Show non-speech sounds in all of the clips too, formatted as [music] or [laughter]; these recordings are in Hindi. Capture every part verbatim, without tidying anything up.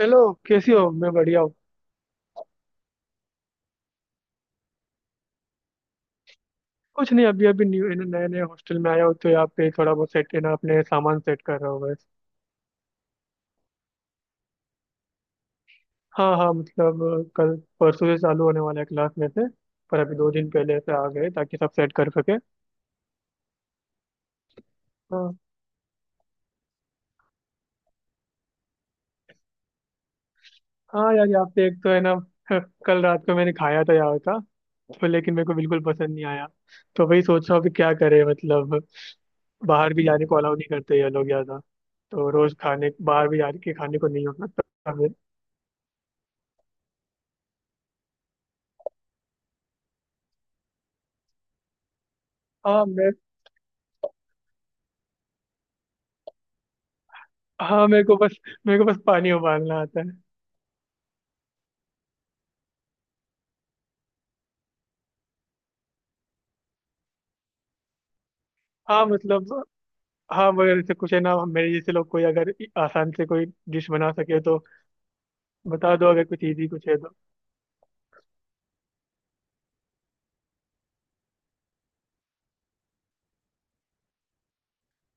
हेलो। कैसी हो? मैं बढ़िया हूँ। कुछ नहीं, अभी अभी न्यू नए नए हॉस्टल में आया हूँ तो यहाँ पे थोड़ा बहुत सेट ना, अपने सामान सेट कर रहा हूँ बस। हाँ हाँ, मतलब अ, कल परसों से चालू होने वाला है क्लास में से। पर अभी दो दिन पहले से आ गए ताकि सब सेट कर सके। हाँ, हाँ यार, यहाँ पे एक तो है ना। [laughs] कल रात को मैंने खाया था यहाँ का, तो लेकिन मेरे को बिल्कुल पसंद नहीं आया। तो वही सोच रहा हूँ कि क्या करे मतलब, बाहर भी जाने को अलाउ नहीं करते ये लोग ज्यादा। तो रोज खाने बाहर भी जाके खाने को नहीं हो सकता। हाँ मैं हाँ, मेरे को बस मेरे को बस पानी उबालना आता है। हाँ मतलब, हाँ मगर जैसे कुछ है ना, मेरे जैसे लोग कोई अगर आसान से कोई डिश बना सके तो बता दो, अगर कुछ इजी कुछ है तो।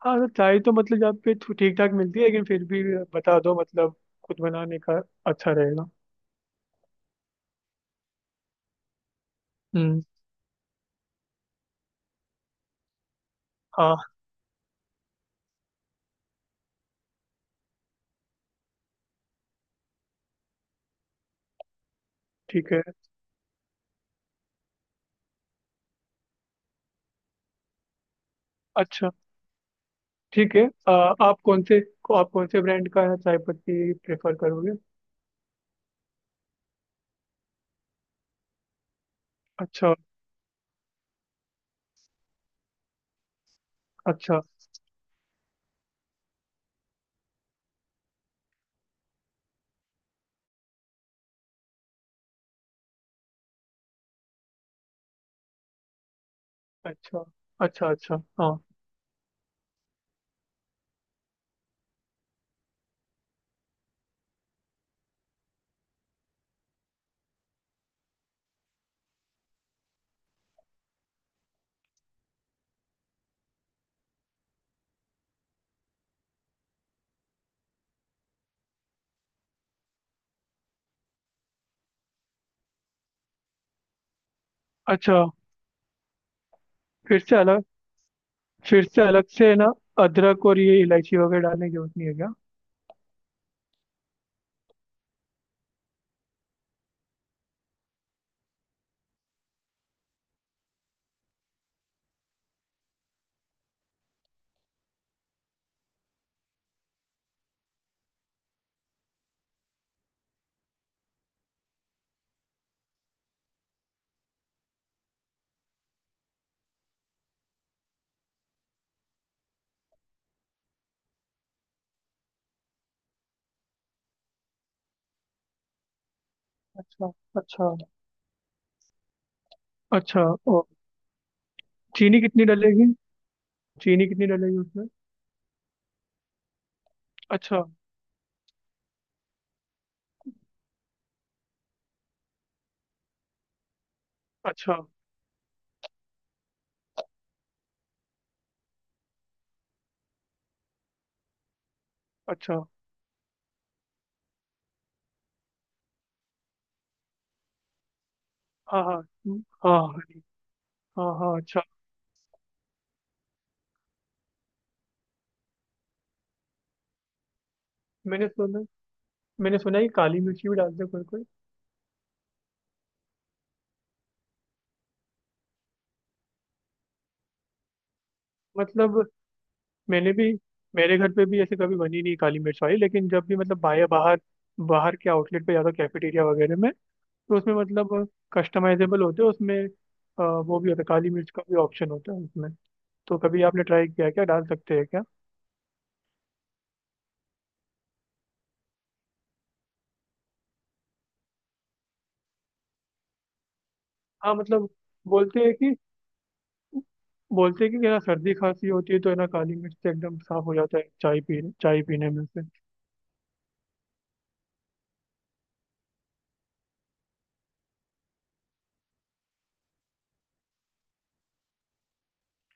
हाँ तो चाय तो मतलब यहाँ पे ठीक ठाक मिलती है, लेकिन फिर भी बता दो मतलब, खुद बनाने का अच्छा रहेगा। हम्म। हाँ। ठीक है। अच्छा। ठीक है। आ, आप कौन से को आप कौन से ब्रांड का चाय पत्ती प्रेफर करोगे? अच्छा। अच्छा। अच्छा। अच्छा। अच्छा। हाँ। अच्छा। फिर से अलग फिर से अलग से है ना? अदरक और ये इलायची वगैरह डालने की जरूरत नहीं है क्या? अच्छा। अच्छा। अच्छा। और चीनी कितनी डलेगी चीनी कितनी डलेगी उसमें? अच्छा। अच्छा। अच्छा। हाँ हाँ हम्म, हाँ हाँ। हाँ हाँ, अच्छा। मैंने सुना मैंने सुना है कि काली मिर्ची भी डालते हैं कोई कोई। मतलब मैंने भी मेरे घर पे भी ऐसे कभी बनी नहीं काली मिर्च वाली, लेकिन जब भी मतलब बाहर बाहर बाहर के आउटलेट पे जाता, कैफेटेरिया वगैरह में, तो उसमें मतलब कस्टमाइजेबल होते हैं उसमें, अ, वो भी होता है, काली मिर्च का भी ऑप्शन होता है उसमें। तो कभी आपने ट्राई किया है क्या? डाल सकते हैं क्या? हाँ मतलब बोलते हैं कि बोलते हैं कि ना, सर्दी खांसी होती है तो है ना काली मिर्च से एकदम साफ हो जाता है, चाय पी चाय पीने में से।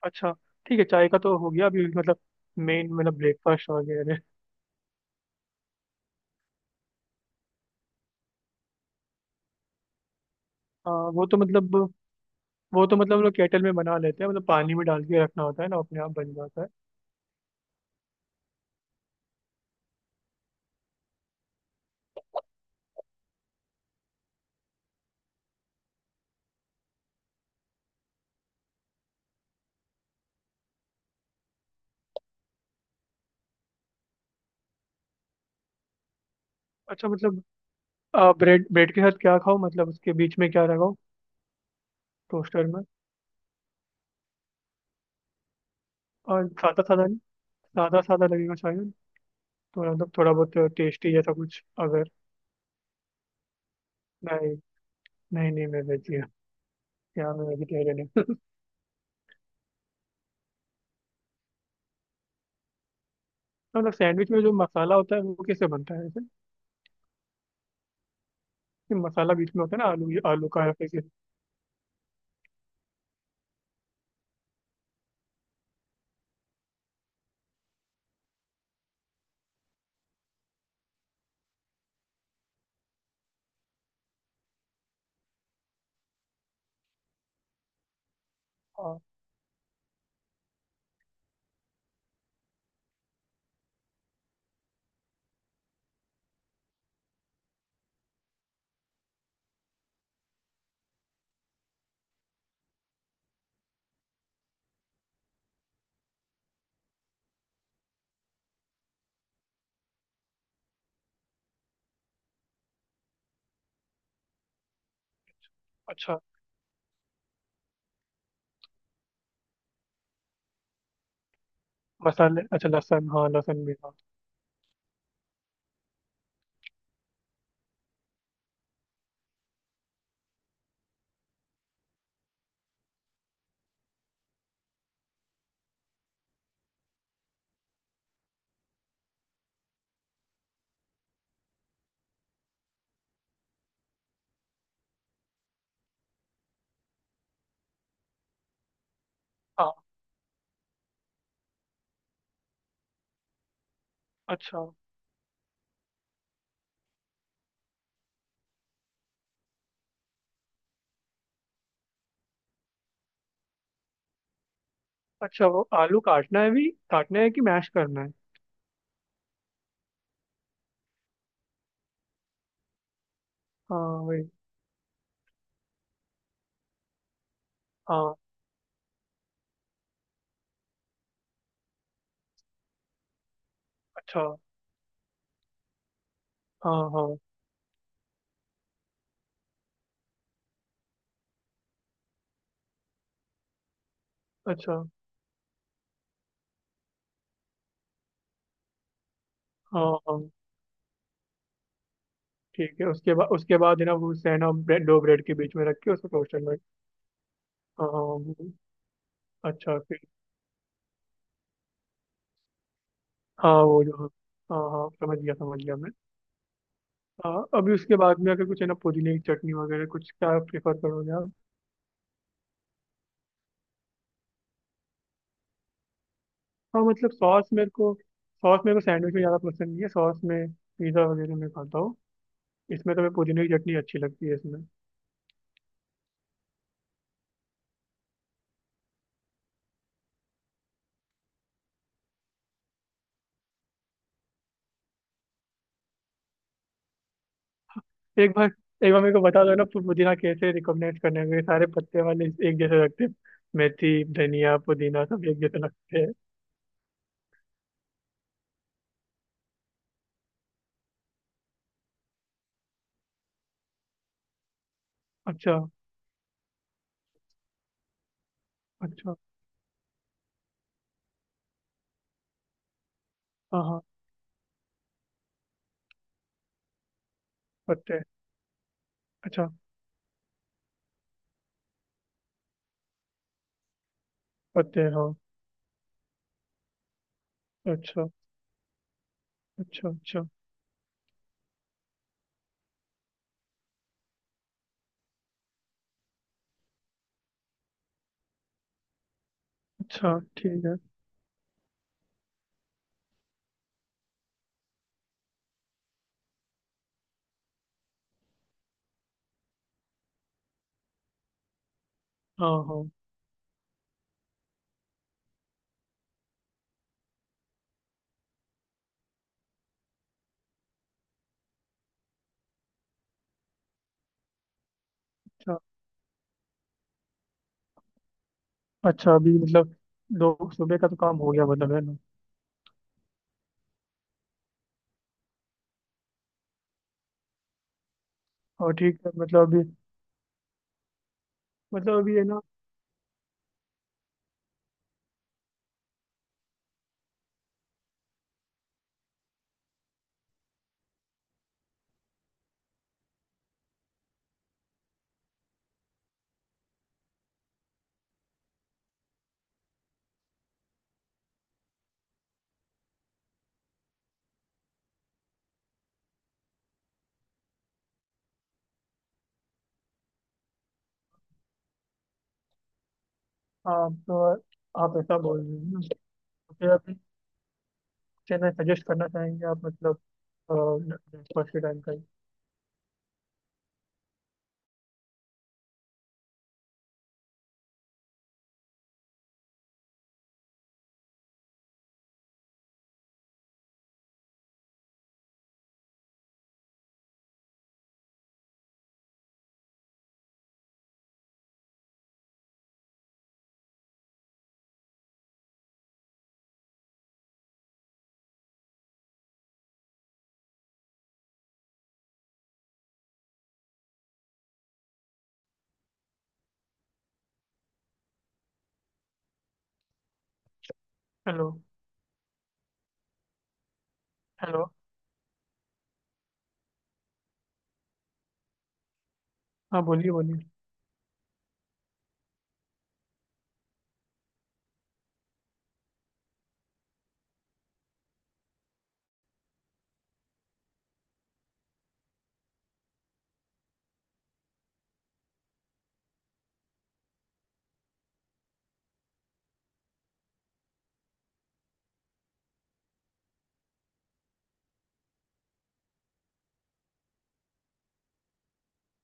अच्छा। ठीक है, चाय का तो हो गया, अभी मतलब मेन मतलब ब्रेकफास्ट वगैरह? हाँ वो तो मतलब, वो तो मतलब हम लोग केटल में बना लेते हैं, मतलब पानी में डाल के रखना होता है ना, अपने आप बन जाता है। अच्छा मतलब, आ, ब्रेड ब्रेड के साथ क्या खाओ मतलब, उसके बीच में क्या लगाओ? टोस्टर में। और सादा सादा, सादा सादा लगेगा शायद, तो मतलब थोड़ा बहुत टेस्टी जैसा कुछ अगर। नहीं। नहीं नहीं मैं वेज ही हूँ। यार मैं वेजिटेरियन हूँ। [laughs] तो मतलब सैंडविच में जो मसाला होता है वो कैसे बनता है वैसे, कि मसाला बीच में होता है ना, आलू आलू का या फिर किसी-। हाँ अच्छा मसाले, अच्छा लहसुन, हाँ लहसुन भी हाँ। हाँ। अच्छा। अच्छा वो आलू काटना है भी काटना है कि मैश करना है? हाँ। वही। हाँ। अच्छा। हाँ हाँ। अच्छा। हाँ हाँ। ठीक है, उसके बाद उसके बाद है ना वो सैन और ब्रेड, दो ब्रेड के बीच में रख के उसको टोस्टर में? हाँ हाँ, वो-। अच्छा। फिर हाँ, वो जो। हाँ हाँ, समझ गया समझ गया मैं। हाँ अभी उसके बाद में अगर कुछ है ना पुदीने की चटनी वगैरह कुछ क्या प्रेफर करोगे आप? हाँ मतलब सॉस, मेरे को सॉस मेरे को सैंडविच में ज़्यादा पसंद नहीं है, सॉस में पिज़्ज़ा वगैरह में खाता हूँ। इसमें तो मैं पुदीने की चटनी अच्छी लगती है इसमें। एक बार एक बार मेरे को बता दो ना, पु- पुदीना कैसे रिकमेंड करने हैं? ये सारे पत्ते वाले एक जैसे लगते हैं, मेथी धनिया पुदीना सब एक जैसे लगते हैं। अच्छा। अच्छा। हाँ हाँ। पत्ते। अच्छा। पत्ते हाँ। अच्छा। अच्छा। अच्छा। अच्छा ठीक है। हाँ हाँ। अच्छा। अच्छा अभी मतलब दो सुबह का तो काम हो गया मतलब है ना? और ठीक है मतलब अभी, मतलब अभी है ना, आप तो, आप ऐसा बोल रहे हो ना, तो फिर अभी क्या ना सजेस्ट करना चाहेंगे आप मतलब, ब्रेकफास्ट के टाइम का ही? हेलो। हेलो। हाँ बोलिए बोलिए।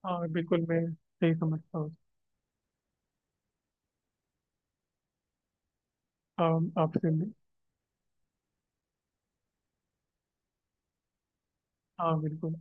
हाँ बिल्कुल, मैं सही समझता हूँ। हाँ, आपसे मैं-। हाँ बिल्कुल।